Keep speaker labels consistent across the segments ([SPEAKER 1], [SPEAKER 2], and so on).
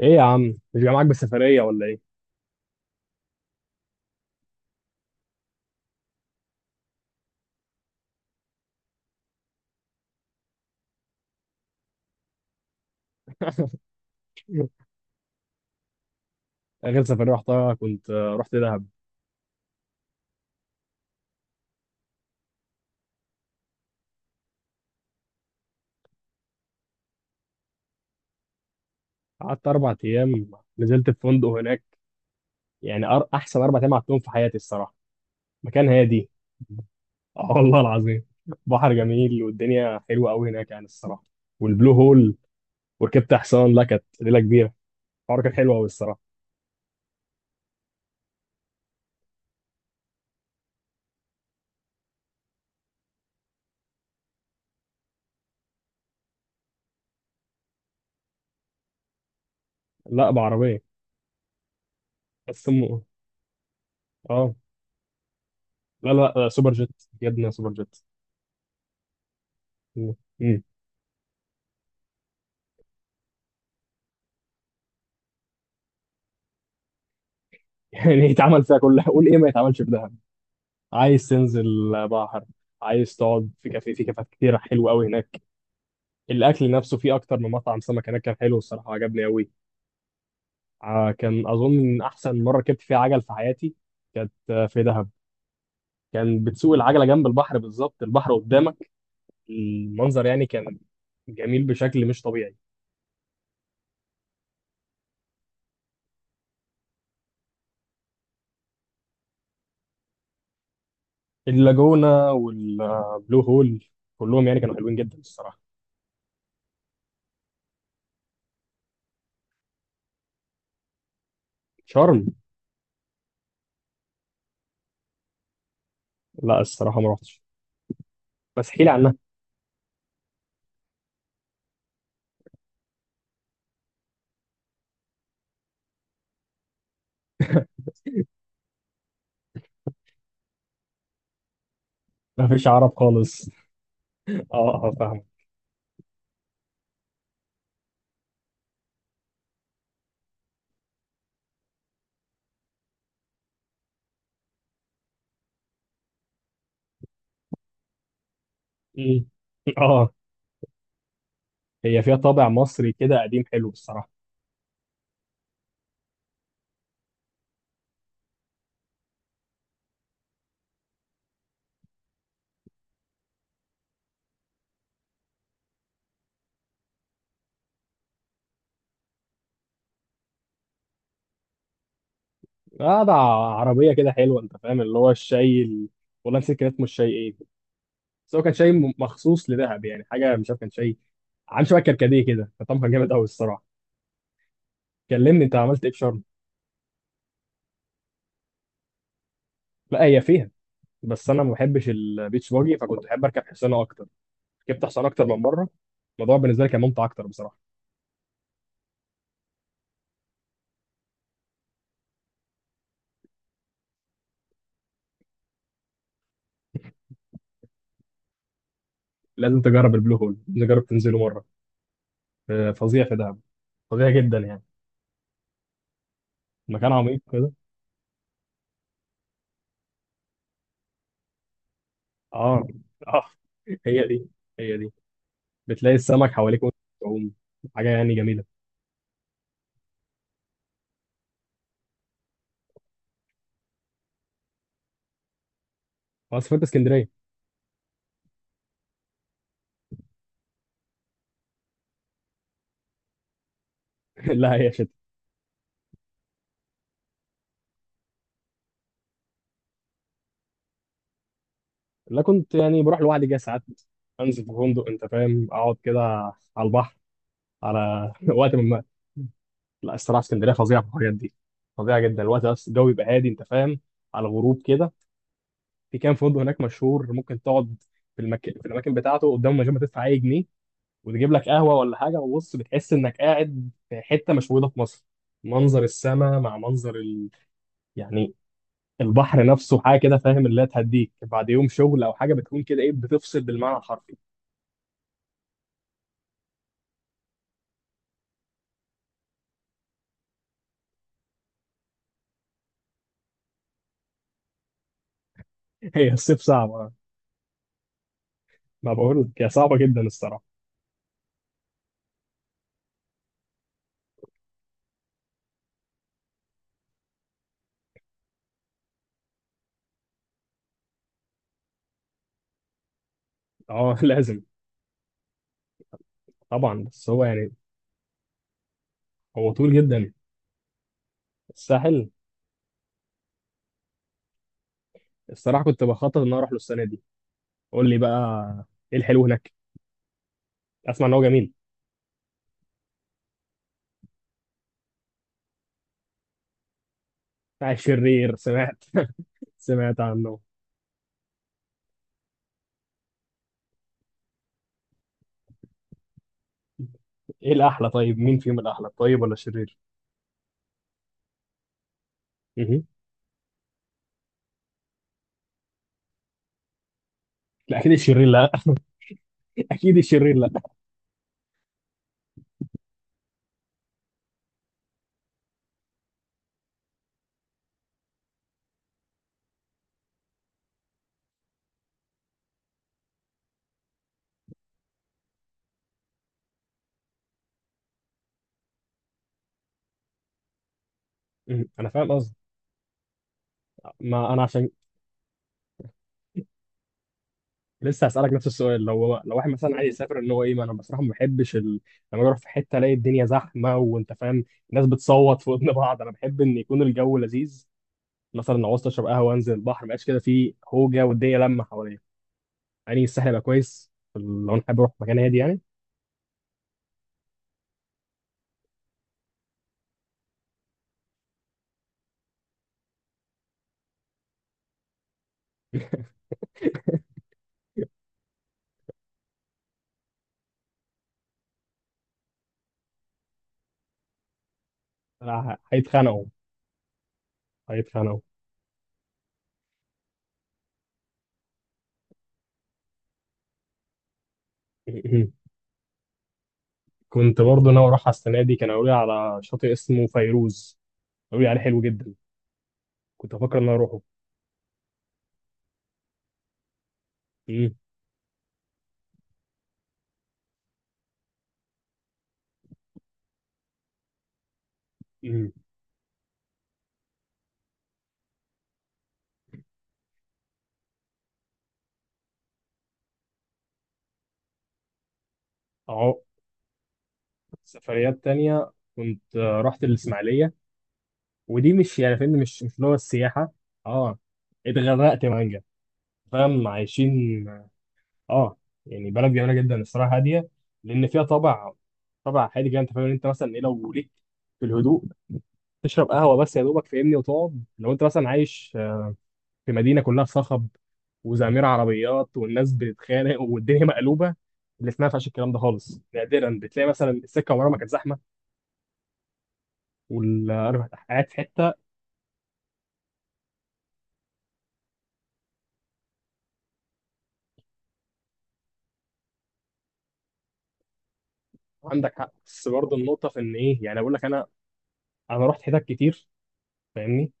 [SPEAKER 1] ايه يا عم؟ مش جاي معاك بالسفريه ولا ايه؟ اخر سفريه رحتها كنت رحت دهب. قعدت اربع ايام، نزلت في فندق هناك. يعني احسن اربع ايام قعدتهم في حياتي الصراحه. مكان هادي. اه والله العظيم. بحر جميل والدنيا حلوه قوي هناك يعني الصراحه. والبلو هول، وركبت حصان، لا كانت ليله كبيره. الحوار كان حلو قوي الصراحه. لا بعربيه. بس م... اه. لا، سوبر جيت. جبنا سوبر جيت. م- م. يعني يتعمل فيها كلها، قول ايه ما يتعملش في دهب؟ عايز تنزل بحر، عايز تقعد في كافيه، في كافيهات كتيرة حلوة أوي هناك. الأكل نفسه فيه أكتر من مطعم سمك هناك، كان حلو الصراحة، عجبني أوي. كان أظن إن أحسن مرة ركبت فيها عجل في حياتي كانت في دهب. كان بتسوق العجلة جنب البحر، بالظبط البحر قدامك، المنظر يعني كان جميل بشكل مش طبيعي. اللاجونة والبلو هول، كلهم يعني كانوا حلوين جدا الصراحة. شرم؟ لا الصراحة ما رحتش. بس احكي لي عنها. مفيش عرب خالص. اه فاهم. مم. اه، هي فيها طابع مصري كده قديم حلو الصراحه. قاعده عربيه كده حلوه، انت فاهم، اللي هو والله نسيت كان اسمه الشاي ايه، بس هو كان شاي مخصوص لدهب، يعني حاجه مش عارف، كان شاي عامل شبه كركديه كده، فطعمه كان جامد قوي الصراحه. كلمني، انت عملت ايه في شرم؟ لا هي فيها، بس انا ما بحبش البيتش باجي، فكنت بحب اركب حصانه اكتر. ركبت حصانه اكتر من مره، الموضوع بالنسبه لي كان ممتع اكتر بصراحه. لازم تجرب البلو هول، لازم تجرب تنزله مره. فظيع في دهب، فظيع جدا يعني. مكان عميق كده. اه. اه. هي دي هي دي. بتلاقي السمك حواليك وانت بتعوم، حاجه يعني جميله. انا سافرت اسكندريه. لا هي شتا. لا، كنت يعني بروح لوحدي كده ساعات، انزل في فندق، انت فاهم، اقعد كده على البحر. على وقت من الوقت. لا الصراحه اسكندريه فظيعه في الحاجات دي، فظيعه جدا. الوقت بس الجو يبقى هادي، انت فاهم، على الغروب كده. في كام فندق هناك مشهور ممكن تقعد في المكان، في الاماكن بتاعته قدامه من غير ما تدفع اي جنيه، وتجيب لك قهوه ولا حاجه، وبص بتحس انك قاعد في حته مش موجوده في مصر. منظر السماء مع منظر يعني البحر نفسه، حاجه كده فاهم، اللي هتهديك بعد يوم شغل او حاجه، بتكون كده ايه، بتفصل بالمعنى الحرفي. هي الصيف صعبه. ما بقول لك هي صعبه جدا الصراحه. اه لازم. طبعا، بس هو يعني هو طول جدا. الساحل الصراحه كنت بخطط ان أنا اروح له السنه دي. قول لي بقى، ايه الحلو هناك؟ اسمع ان هو جميل. بتاع الشرير سمعت. سمعت عنه. ايه الاحلى طيب، مين فيهم الاحلى طيب ولا الشرير؟ مهم. لا اكيد الشرير لا. اكيد الشرير لا. مهم. انا فاهم قصدي. ما انا عشان لسه هسألك نفس السؤال. لو واحد مثلا عايز يسافر ان هو ايه، ما انا بصراحه ما بحبش لما اروح في حته الاقي الدنيا زحمه، وانت فاهم الناس بتصوت في ودن بعض. انا بحب ان يكون الجو لذيذ، مثلا لو عاوز اشرب قهوه انزل البحر، ما يبقاش كده في هوجه والدنيا لمه حواليا. يعني الساحل يبقى كويس لو انا حابب اروح مكان هادي يعني. لا، هيتخانقوا. هيتخانقوا. كنت برضه ناوي اروح على السنه دي، كانوا قالوا لي على شاطئ اسمه فيروز، قالوا لي عليه حلو جدا، كنت افكر ان انا اروحه. مم. مم. سفريات تانية كنت رحت الإسماعيلية، ودي مش يعني فاهمني، مش مش اللي هو السياحة. اه، اتغرقت مانجا، فاهم، عايشين. اه يعني، بلد جميلة جدا الصراحة، هادية. لأن فيها طابع، طابع هادي كده، أنت فاهم. أنت مثلا إيه لو ليك في الهدوء، تشرب قهوة بس يا دوبك فاهمني، وتقعد. لو أنت مثلا عايش في مدينة كلها صخب وزمير عربيات، والناس بتتخانق والدنيا مقلوبة. اللي اسمها فيهاش الكلام ده خالص، نادرا بتلاقي مثلا السكة عمرها ما كانت زحمة، والقاعد في حتة. عندك حق، بس برضه النقطة في إن إيه، يعني أقول لك أنا، أنا رحت حتت كتير فاهمني.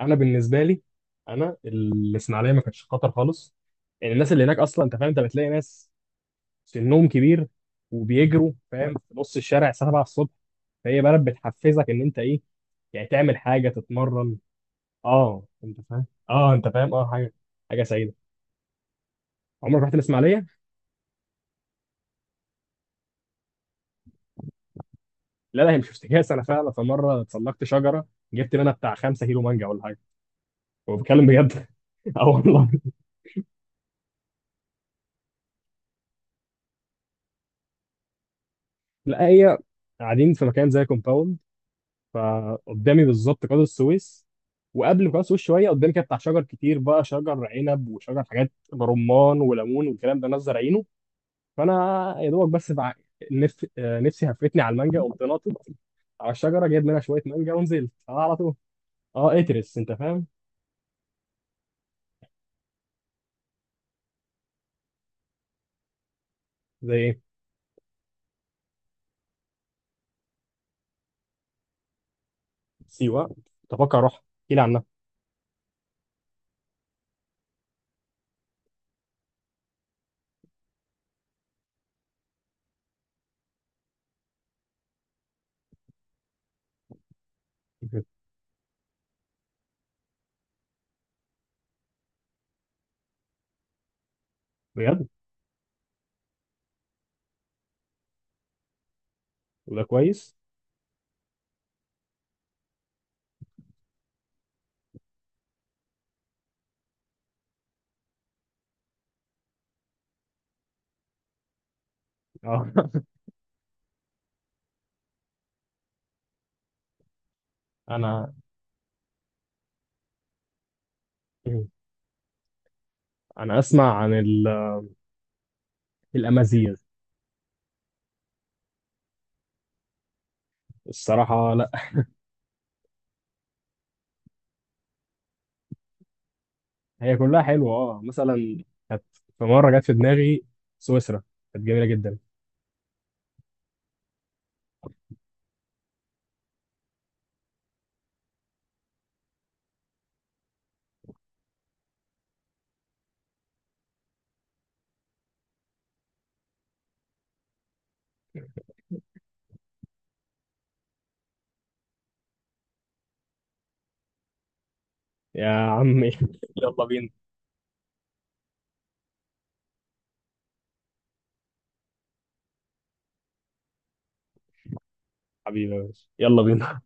[SPEAKER 1] أنا بالنسبة لي، أنا الإسماعيلية ما كانتش خطر خالص. يعني الناس اللي هناك أصلا، أنت فاهم، أنت بتلاقي ناس سنهم كبير وبيجروا، فاهم، في نص الشارع الساعة 7 الصبح. فهي بلد بتحفزك إن أنت إيه، يعني تعمل حاجة، تتمرن. أه أنت فاهم أه أنت فاهم أه حاجة، حاجة سعيدة. عمرك رحت الإسماعيلية؟ لا لا، هي مش افتكاس. أنا فعلا في مرة اتسلقت شجرة، جبت منها بتاع 5 كيلو مانجا ولا حاجة، وبتكلم بجد. أه والله. لا هي، قاعدين في مكان زي كومباوند، فقدامي بالظبط قناة السويس، وقبل قناة السويس شوية قدامي كده بتاع شجر كتير بقى، شجر عنب وشجر حاجات، رمان وليمون والكلام ده، ناس زارعينه. فأنا يا دوبك، بس بع... نف... آه، نفسي هفتني على المانجا، قمت ناطط على الشجرة، جايب منها شوية مانجا ونزلت أنا على طول. اه اترس، انت فاهم. زي ايه؟ سيوة؟ تفكر اروح، احكي لي عنها. بجد. وده كويس. اه انا، انا اسمع عن الامازيغ. الصراحة لا. هي كلها حلوه اه. مثلا كانت، في مره جت في دماغي سويسرا، كانت جميله جدا. يا عمي يلا بينا. حبيبي يا باشا، يلا بينا.